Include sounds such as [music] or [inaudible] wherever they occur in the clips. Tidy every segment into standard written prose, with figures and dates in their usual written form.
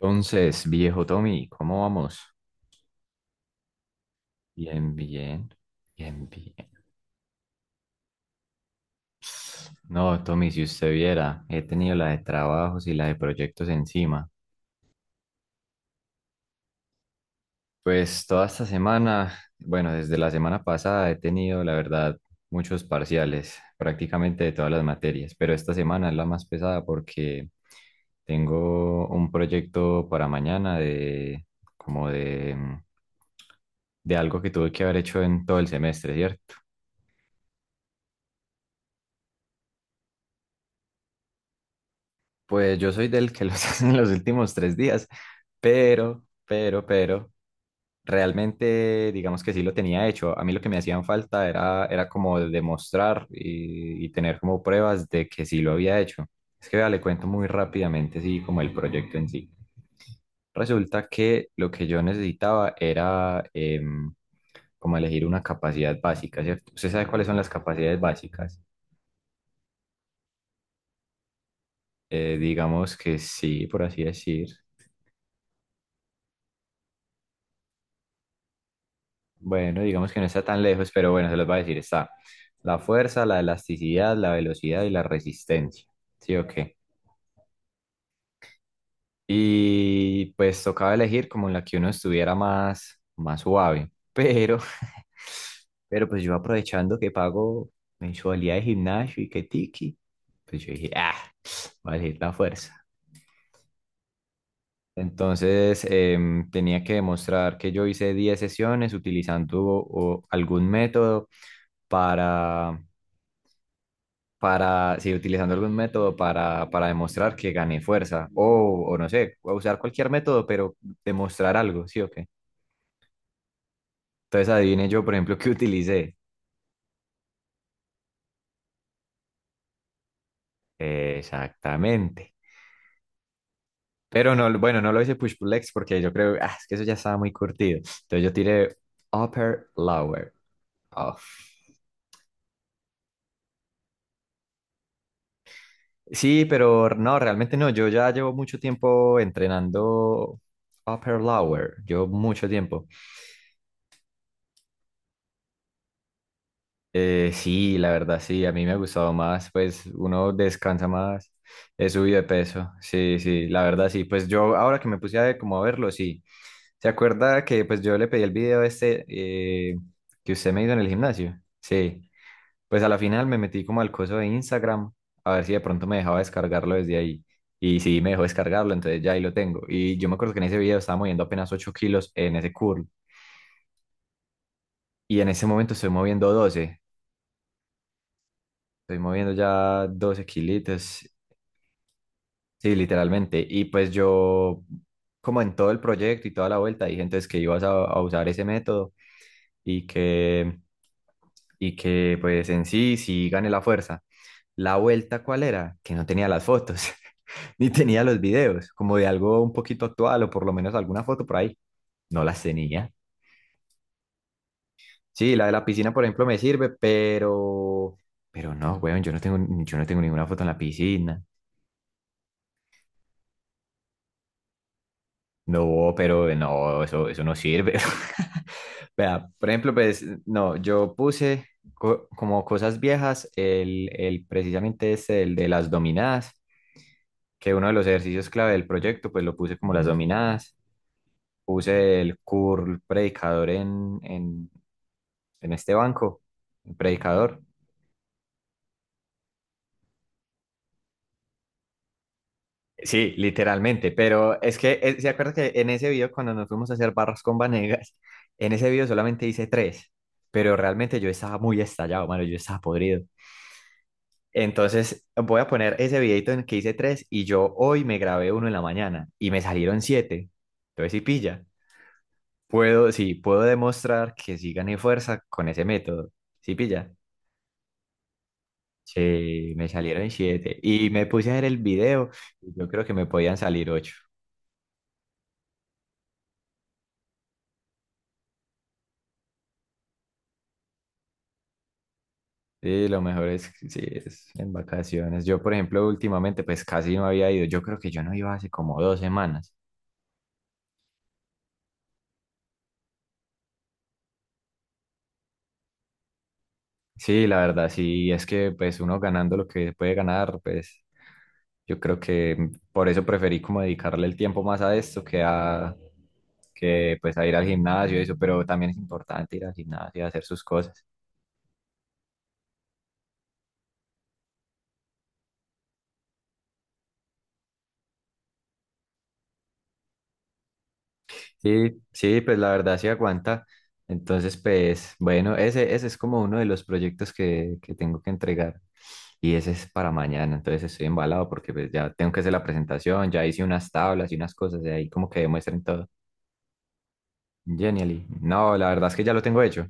Entonces, viejo Tommy, ¿cómo vamos? Bien, bien, bien, bien. No, Tommy, si usted viera, he tenido la de trabajos y la de proyectos encima. Pues toda esta semana, bueno, desde la semana pasada he tenido, la verdad, muchos parciales, prácticamente de todas las materias, pero esta semana es la más pesada porque tengo un proyecto para mañana de como de, de algo que tuve que haber hecho en todo el semestre, ¿cierto? Pues yo soy del que los [laughs] hace en los últimos tres días, pero, realmente digamos que sí lo tenía hecho. A mí lo que me hacían falta era como demostrar y tener como pruebas de que sí lo había hecho. Es que vea, le cuento muy rápidamente, sí, como el proyecto en sí. Resulta que lo que yo necesitaba era como elegir una capacidad básica, ¿cierto? ¿Usted sabe cuáles son las capacidades básicas? Digamos que sí, por así decir. Bueno, digamos que no está tan lejos, pero bueno, se los va a decir, está la fuerza, la elasticidad, la velocidad y la resistencia. ¿Sí o qué? Y pues tocaba elegir como en la que uno estuviera más, más suave. Pero, [laughs] pero pues yo aprovechando que pago mensualidad de gimnasio y que tiki, pues yo dije, ah, voy a elegir la fuerza. Entonces tenía que demostrar que yo hice 10 sesiones utilizando algún método para para, si utilizando algún método para demostrar que gané fuerza, o no sé, o usar cualquier método, pero demostrar algo, ¿sí o qué? Entonces adivine yo, por ejemplo, qué utilicé. Exactamente. Pero no, bueno, no lo hice push pull legs porque yo creo, ah, es que eso ya estaba muy curtido. Entonces yo tiré upper lower. Oh. Sí, pero no, realmente no. Yo ya llevo mucho tiempo entrenando upper lower. Llevo mucho tiempo. Sí, la verdad sí, a mí me ha gustado más, pues uno descansa más, he subido de peso, sí, sí, la verdad sí, pues yo ahora que me puse a ver, como a verlo, sí, ¿se acuerda que pues yo le pedí el video este que usted me hizo en el gimnasio? Sí, pues a la final me metí como al coso de Instagram, a ver si de pronto me dejaba descargarlo desde ahí, y sí, me dejó descargarlo, entonces ya ahí lo tengo, y yo me acuerdo que en ese video estaba moviendo apenas 8 kilos en ese curl, y en ese momento estoy moviendo 12. Estoy moviendo ya 12 kilitos. Sí, literalmente. Y pues yo, como en todo el proyecto y toda la vuelta, dije entonces que ibas a usar ese método y y que pues en sí, sí gané la fuerza. La vuelta, ¿cuál era? Que no tenía las fotos, [laughs] ni tenía los videos, como de algo un poquito actual o por lo menos alguna foto por ahí. No las tenía. Sí, la de la piscina, por ejemplo, me sirve, pero no, weón, yo no tengo ninguna foto en la piscina. No, pero no, eso no sirve. [laughs] Vea, por ejemplo, pues no, yo puse como cosas viejas el precisamente este, el de las dominadas, que uno de los ejercicios clave del proyecto, pues lo puse como las dominadas, puse el curl predicador en este banco, el predicador. Sí, literalmente, pero es que, ¿se acuerda que en ese video cuando nos fuimos a hacer barras con Vanegas, en ese video solamente hice tres, pero realmente yo estaba muy estallado, mano, yo estaba podrido. Entonces voy a poner ese videito en el que hice tres y yo hoy me grabé uno en la mañana y me salieron siete. Entonces sí pilla. Puedo, sí, puedo demostrar que sí gané fuerza con ese método. Sí pilla. Sí, me salieron siete y me puse a ver el video y yo creo que me podían salir ocho. Sí, lo mejor es, sí, es en vacaciones. Yo, por ejemplo, últimamente pues casi no había ido. Yo creo que yo no iba hace como 2 semanas. Sí, la verdad, sí, es que pues uno ganando lo que puede ganar, pues yo creo que por eso preferí como dedicarle el tiempo más a esto que a que pues a ir al gimnasio y eso, pero también es importante ir al gimnasio y hacer sus cosas. Sí, sí, pues la verdad sí aguanta. Entonces, pues bueno, ese es como uno de los proyectos que tengo que entregar y ese es para mañana, entonces estoy embalado porque pues ya tengo que hacer la presentación, ya hice unas tablas y unas cosas de ahí como que demuestren todo. Genially. No, la verdad es que ya lo tengo hecho.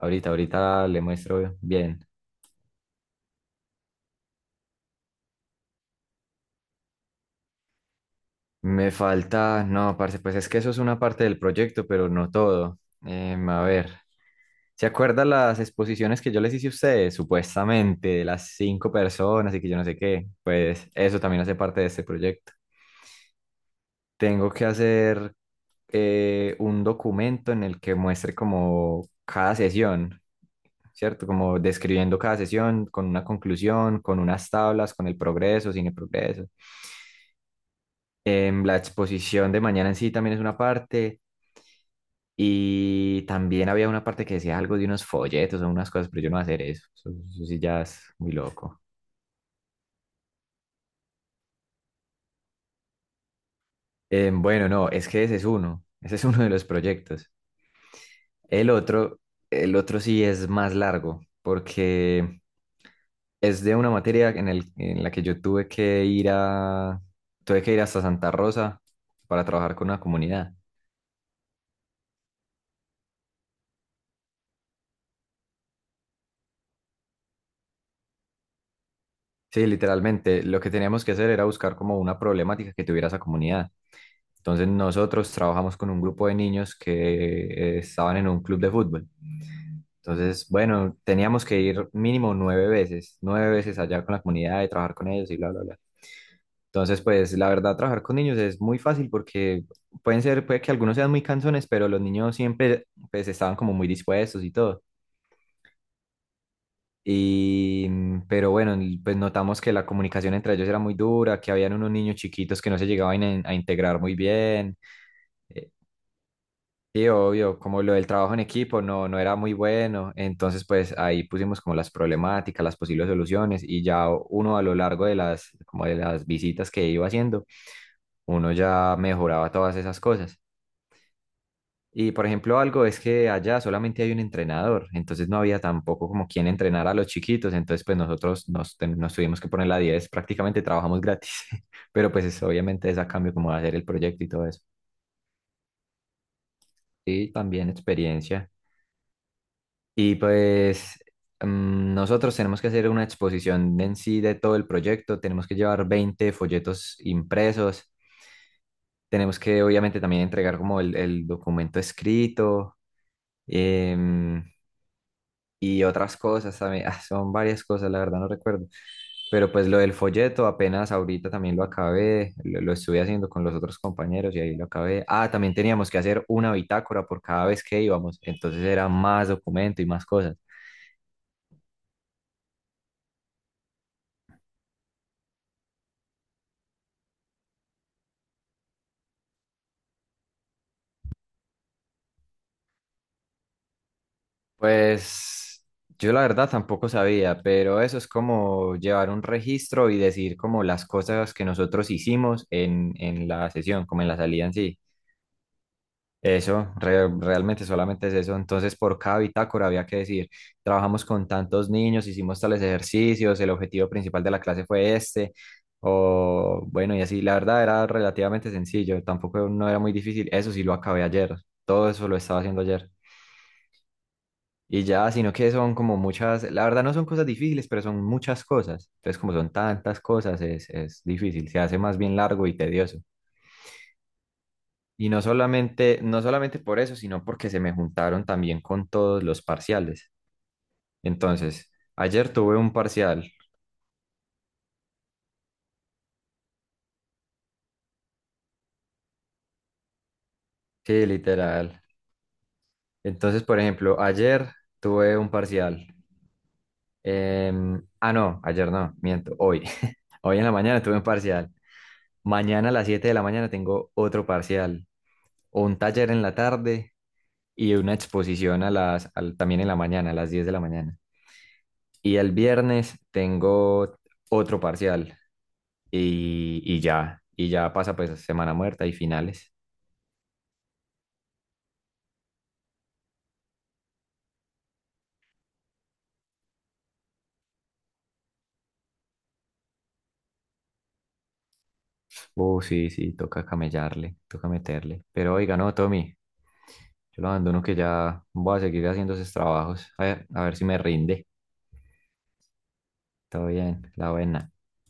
Ahorita le muestro bien. Me falta, no, parce, pues es que eso es una parte del proyecto, pero no todo. A ver, ¿se acuerda las exposiciones que yo les hice a ustedes? Supuestamente, de las 5 personas y que yo no sé qué. Pues eso también hace parte de este proyecto. Tengo que hacer un documento en el que muestre como cada sesión, ¿cierto? Como describiendo cada sesión con una conclusión, con unas tablas, con el progreso, sin el progreso. La exposición de mañana en sí también es una parte. Y también había una parte que decía algo de unos folletos o unas cosas, pero yo no voy a hacer eso. Eso sí ya es muy loco. Bueno, no, es que ese es uno. Ese es [laughs] uno de los proyectos. El otro, el otro sí es más largo, porque es de una materia en la que yo tuve que tuve que ir hasta Santa Rosa para trabajar con una comunidad. Sí, literalmente, lo que teníamos que hacer era buscar como una problemática que tuviera esa comunidad. Entonces nosotros trabajamos con un grupo de niños que estaban en un club de fútbol. Entonces, bueno, teníamos que ir mínimo 9 veces, 9 veces allá con la comunidad y trabajar con ellos y bla, bla, bla. Entonces, pues la verdad, trabajar con niños es muy fácil porque pueden ser, puede que algunos sean muy cansones, pero los niños siempre, pues, estaban como muy dispuestos y todo. Y, pero bueno, y, pues notamos que la comunicación entre ellos era muy dura, que habían unos niños chiquitos que no se llegaban a a integrar muy bien. Sí, obvio, como lo del trabajo en equipo no, no era muy bueno, entonces pues ahí pusimos como las problemáticas, las posibles soluciones y ya uno a lo largo de las, como de las visitas que iba haciendo, uno ya mejoraba todas esas cosas. Y por ejemplo algo es que allá solamente hay un entrenador, entonces no había tampoco como quien entrenar a los chiquitos, entonces pues nosotros nos tuvimos que poner la 10, prácticamente trabajamos gratis, [laughs] pero pues obviamente es a cambio como de hacer el proyecto y todo eso. Y también experiencia. Y pues nosotros tenemos que hacer una exposición en sí de todo el proyecto, tenemos que llevar 20 folletos impresos, tenemos que obviamente también entregar como el documento escrito em, y otras cosas también. Ah, son varias cosas, la verdad no recuerdo, pero pues lo del folleto apenas ahorita también lo acabé, lo estuve haciendo con los otros compañeros y ahí lo acabé. Ah, también teníamos que hacer una bitácora por cada vez que íbamos, entonces era más documento y más cosas. Pues yo la verdad tampoco sabía, pero eso es como llevar un registro y decir como las cosas que nosotros hicimos en la sesión, como en la salida en sí. Eso, realmente solamente es eso. Entonces, por cada bitácora había que decir, trabajamos con tantos niños, hicimos tales ejercicios, el objetivo principal de la clase fue este, o bueno, y así, la verdad era relativamente sencillo, tampoco no era muy difícil. Eso sí lo acabé ayer, todo eso lo estaba haciendo ayer. Y ya, sino que son como muchas, la verdad no son cosas difíciles, pero son muchas cosas. Entonces, como son tantas cosas, es difícil, se hace más bien largo y tedioso. Y no solamente, no solamente por eso, sino porque se me juntaron también con todos los parciales. Entonces, ayer tuve un parcial, sí, literal. Entonces, por ejemplo, ayer tuve un parcial. No, ayer no, miento, hoy. [laughs] Hoy en la mañana tuve un parcial. Mañana a las 7 de la mañana tengo otro parcial o un taller en la tarde y una exposición también en la mañana, a las 10 de la mañana. Y el viernes tengo otro parcial y ya pasa pues semana muerta y finales. Sí, sí, toca camellarle, toca meterle. Pero oiga, no, Tommy, yo lo abandono que ya voy a seguir haciendo esos trabajos. A ver si me rinde. Todo bien, la buena.